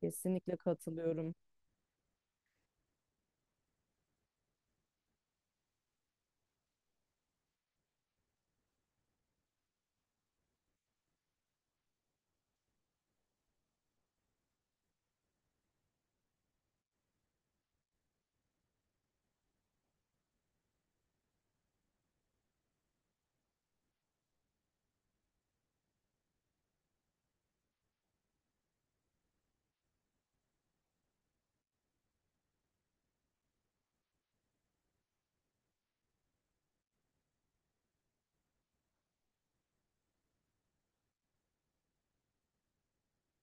Kesinlikle katılıyorum.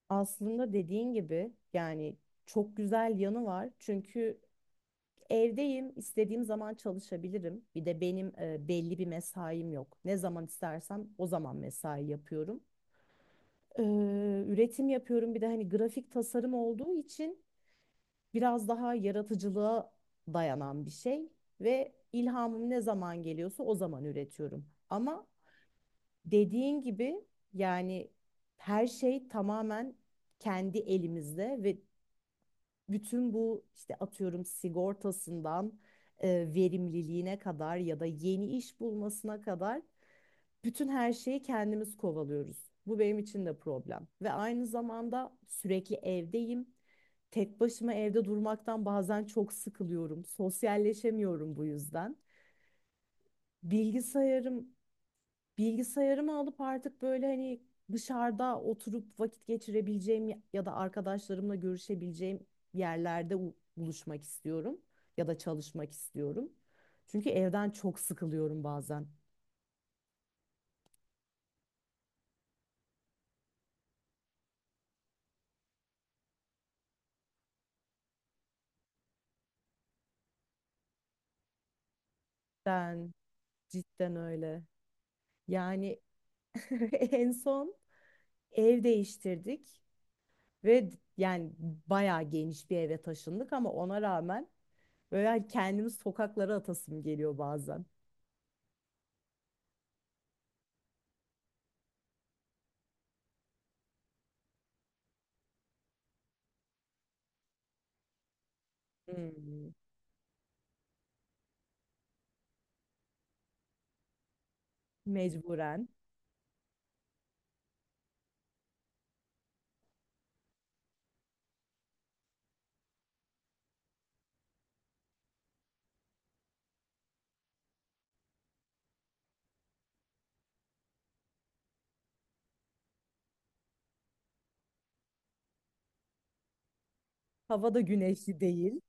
Aslında dediğin gibi yani çok güzel yanı var. Çünkü evdeyim, istediğim zaman çalışabilirim. Bir de benim belli bir mesaim yok. Ne zaman istersem o zaman mesai yapıyorum. Üretim yapıyorum. Bir de hani grafik tasarım olduğu için biraz daha yaratıcılığa dayanan bir şey ve ilhamım ne zaman geliyorsa o zaman üretiyorum. Ama dediğin gibi yani her şey tamamen kendi elimizde ve bütün bu işte atıyorum sigortasından e, verimliliğine kadar ya da yeni iş bulmasına kadar bütün her şeyi kendimiz kovalıyoruz. Bu benim için de problem. Ve aynı zamanda sürekli evdeyim. Tek başıma evde durmaktan bazen çok sıkılıyorum. Sosyalleşemiyorum bu yüzden. Bilgisayarım bilgisayarımı alıp artık böyle hani dışarıda oturup vakit geçirebileceğim ya ya da arkadaşlarımla görüşebileceğim yerlerde buluşmak istiyorum ya da çalışmak istiyorum. Çünkü evden çok sıkılıyorum bazen. Ben cidden öyle. Yani en son ev değiştirdik ve yani bayağı geniş bir eve taşındık ama ona rağmen böyle hani kendimi sokaklara atasım geliyor bazen. Hmm. Mecburen. Hava da güneşli değil.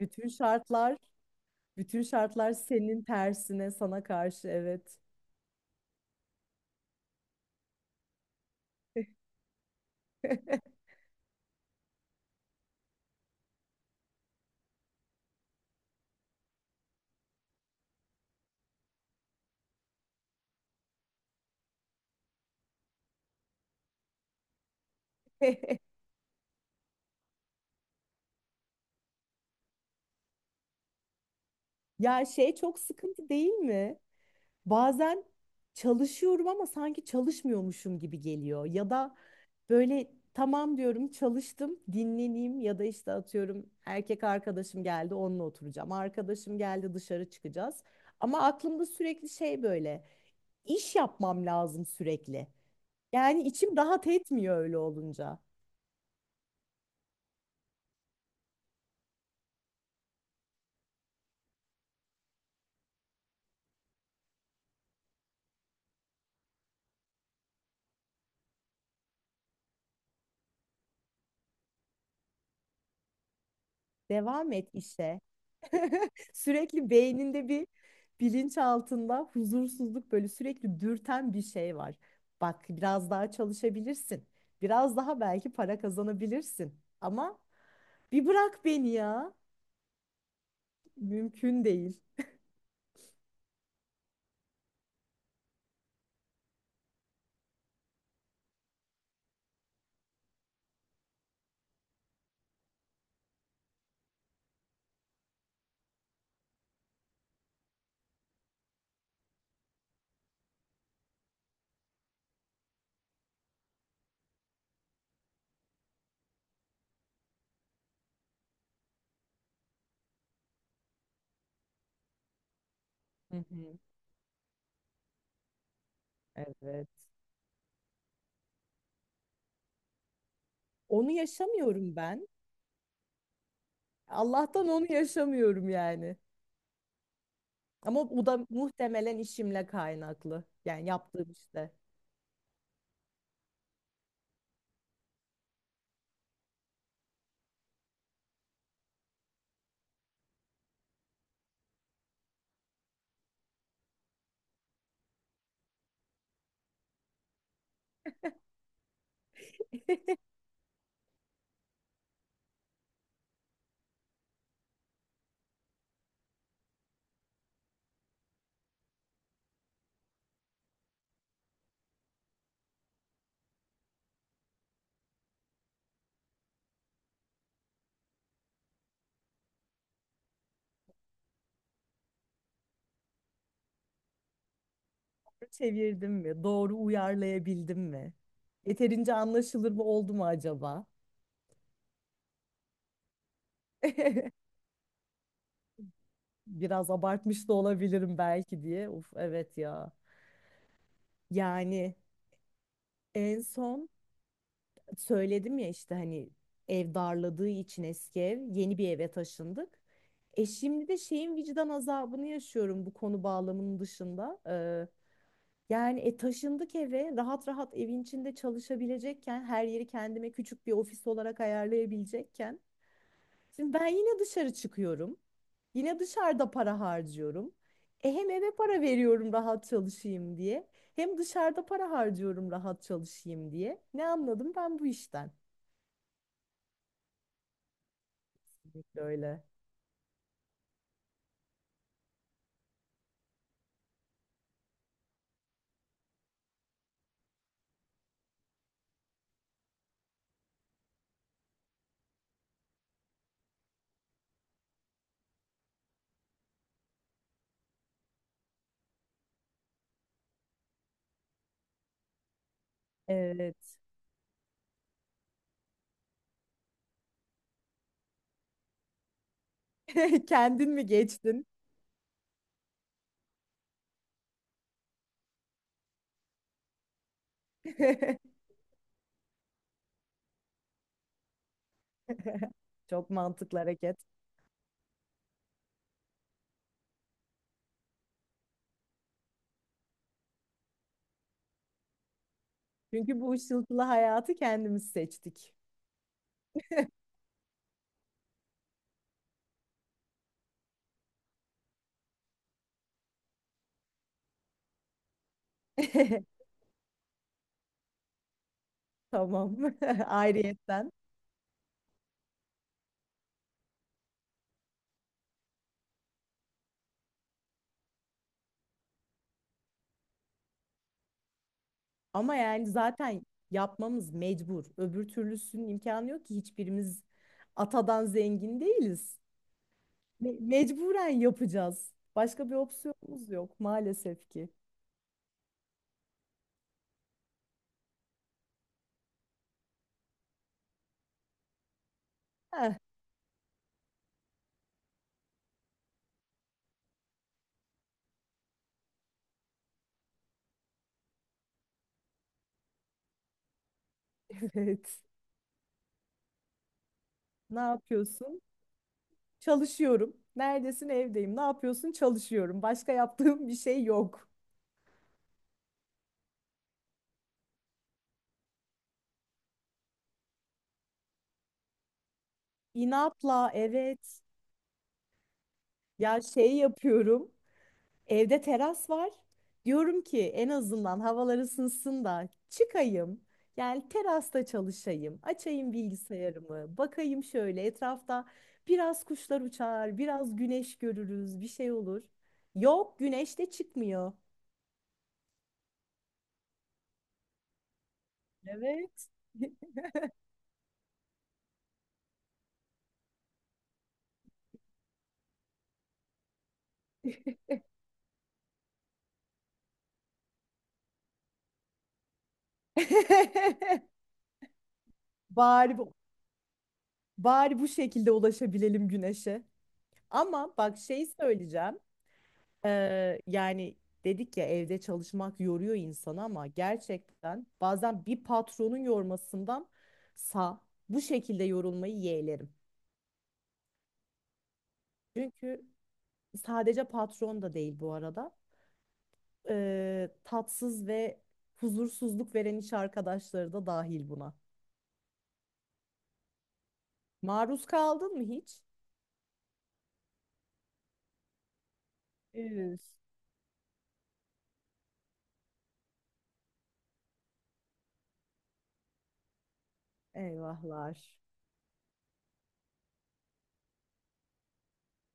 Bütün şartlar, bütün şartlar senin tersine, sana karşı. Evet. Ya şey, çok sıkıntı değil mi? Bazen çalışıyorum ama sanki çalışmıyormuşum gibi geliyor. Ya da böyle tamam diyorum, çalıştım, dinleneyim ya da işte atıyorum erkek arkadaşım geldi onunla oturacağım. Arkadaşım geldi, dışarı çıkacağız. Ama aklımda sürekli şey, böyle iş yapmam lazım sürekli. Yani içim rahat etmiyor öyle olunca. Devam et işe. Sürekli beyninde bir, bilinç altında huzursuzluk, böyle sürekli dürten bir şey var. Bak biraz daha çalışabilirsin. Biraz daha belki para kazanabilirsin. Ama bir bırak beni ya. Mümkün değil. Hı hı. Evet. Onu yaşamıyorum ben. Allah'tan onu yaşamıyorum yani. Ama bu da muhtemelen işimle kaynaklı. Yani yaptığım işte. Çevirdim mi? Doğru uyarlayabildim mi? Yeterince anlaşılır mı oldu mu acaba? Biraz abartmış da olabilirim belki diye. Uf, evet ya. Yani en son söyledim ya işte hani ev darladığı için eski ev, yeni bir eve taşındık. E, şimdi de şeyin vicdan azabını yaşıyorum bu konu bağlamının dışında. Yani taşındık eve, rahat rahat evin içinde çalışabilecekken, her yeri kendime küçük bir ofis olarak ayarlayabilecekken. Şimdi ben yine dışarı çıkıyorum. Yine dışarıda para harcıyorum. E hem eve para veriyorum rahat çalışayım diye. Hem dışarıda para harcıyorum rahat çalışayım diye. Ne anladım ben bu işten? Kesinlikle öyle. Evet. Kendin mi geçtin? Çok mantıklı hareket. Çünkü bu ışıltılı hayatı kendimiz seçtik. Tamam. Ayrıyetten. Ama yani zaten yapmamız mecbur. Öbür türlüsünün imkanı yok ki, hiçbirimiz atadan zengin değiliz. Mecburen yapacağız. Başka bir opsiyonumuz yok maalesef ki. Heh, evet. Ne yapıyorsun? Çalışıyorum. Neredesin? Evdeyim. Ne yapıyorsun? Çalışıyorum. Başka yaptığım bir şey yok. İnatla evet. Ya şey yapıyorum. Evde teras var. Diyorum ki en azından havalar ısınsın da çıkayım. Yani terasta çalışayım. Açayım bilgisayarımı. Bakayım şöyle etrafta biraz kuşlar uçar, biraz güneş görürüz, bir şey olur. Yok, güneş de çıkmıyor. Evet. Bari bu- Bari bu şekilde ulaşabilelim güneşe. Ama bak şey söyleyeceğim. Yani dedik ya evde çalışmak yoruyor insanı, ama gerçekten bazen bir patronun yormasından sa bu şekilde yorulmayı yeğlerim. Çünkü sadece patron da değil bu arada. Tatsız ve huzursuzluk veren iş arkadaşları da dahil buna. Maruz kaldın mı hiç? Evet. Eyvahlar.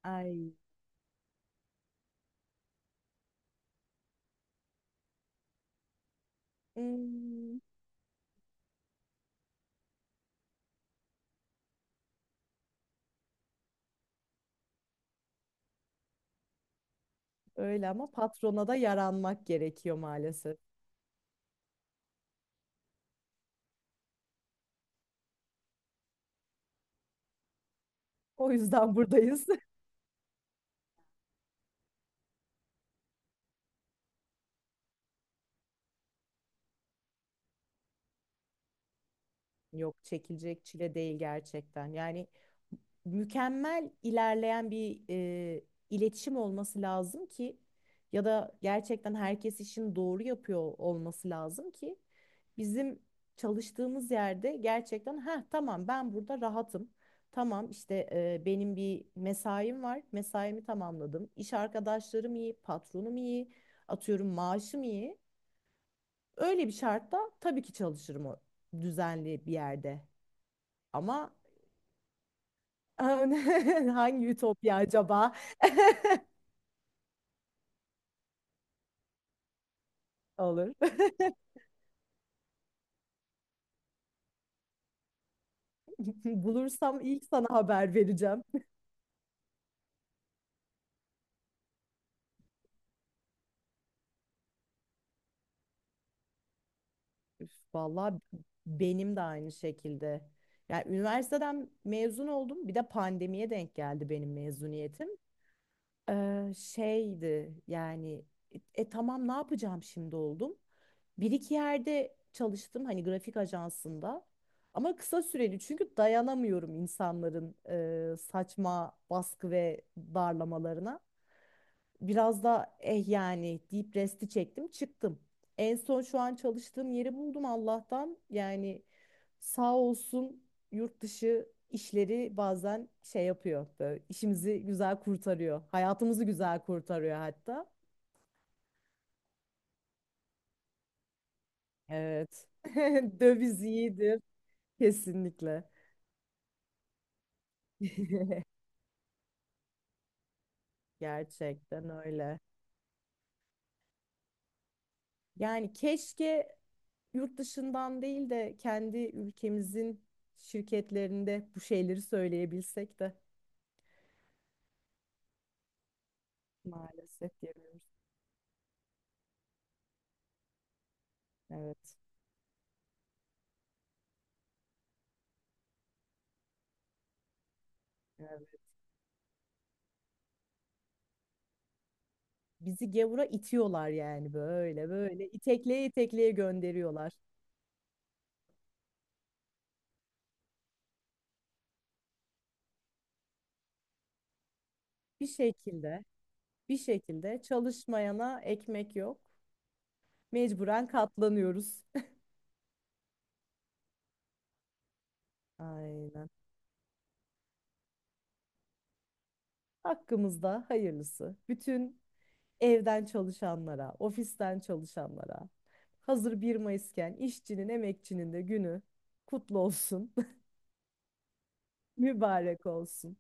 Ay. Hmm. Öyle, ama patrona da yaranmak gerekiyor maalesef. O yüzden buradayız. Yok, çekilecek çile değil gerçekten. Yani mükemmel ilerleyen bir iletişim olması lazım ki, ya da gerçekten herkes işini doğru yapıyor olması lazım ki bizim çalıştığımız yerde. Gerçekten ha tamam, ben burada rahatım. Tamam işte benim bir mesaim var. Mesaimi tamamladım. İş arkadaşlarım iyi, patronum iyi, atıyorum maaşım iyi. Öyle bir şartta tabii ki çalışırım, o düzenli bir yerde. Ama hangi ütopya acaba olur? Bulursam ilk sana haber vereceğim. Üf, vallahi benim de aynı şekilde. Yani üniversiteden mezun oldum. Bir de pandemiye denk geldi benim mezuniyetim. Şeydi yani, tamam ne yapacağım şimdi oldum. Bir iki yerde çalıştım hani, grafik ajansında. Ama kısa süreli, çünkü dayanamıyorum insanların saçma baskı ve darlamalarına. Biraz da eh yani deyip resti çektim, çıktım. En son şu an çalıştığım yeri buldum Allah'tan. Yani sağ olsun yurt dışı işleri bazen şey yapıyor. Böyle işimizi güzel kurtarıyor. Hayatımızı güzel kurtarıyor hatta. Evet. Döviz iyidir. Kesinlikle. Gerçekten öyle. Yani keşke yurt dışından değil de kendi ülkemizin şirketlerinde bu şeyleri söyleyebilsek de. Maalesef geliyoruz. Evet. Evet. Bizi gavura itiyorlar yani, böyle böyle itekleye itekleye gönderiyorlar. Bir şekilde bir şekilde çalışmayana ekmek yok. Mecburen katlanıyoruz. Aynen. Hakkımızda hayırlısı. Bütün evden çalışanlara, ofisten çalışanlara. Hazır 1 Mayıs'ken işçinin, emekçinin de günü kutlu olsun, mübarek olsun.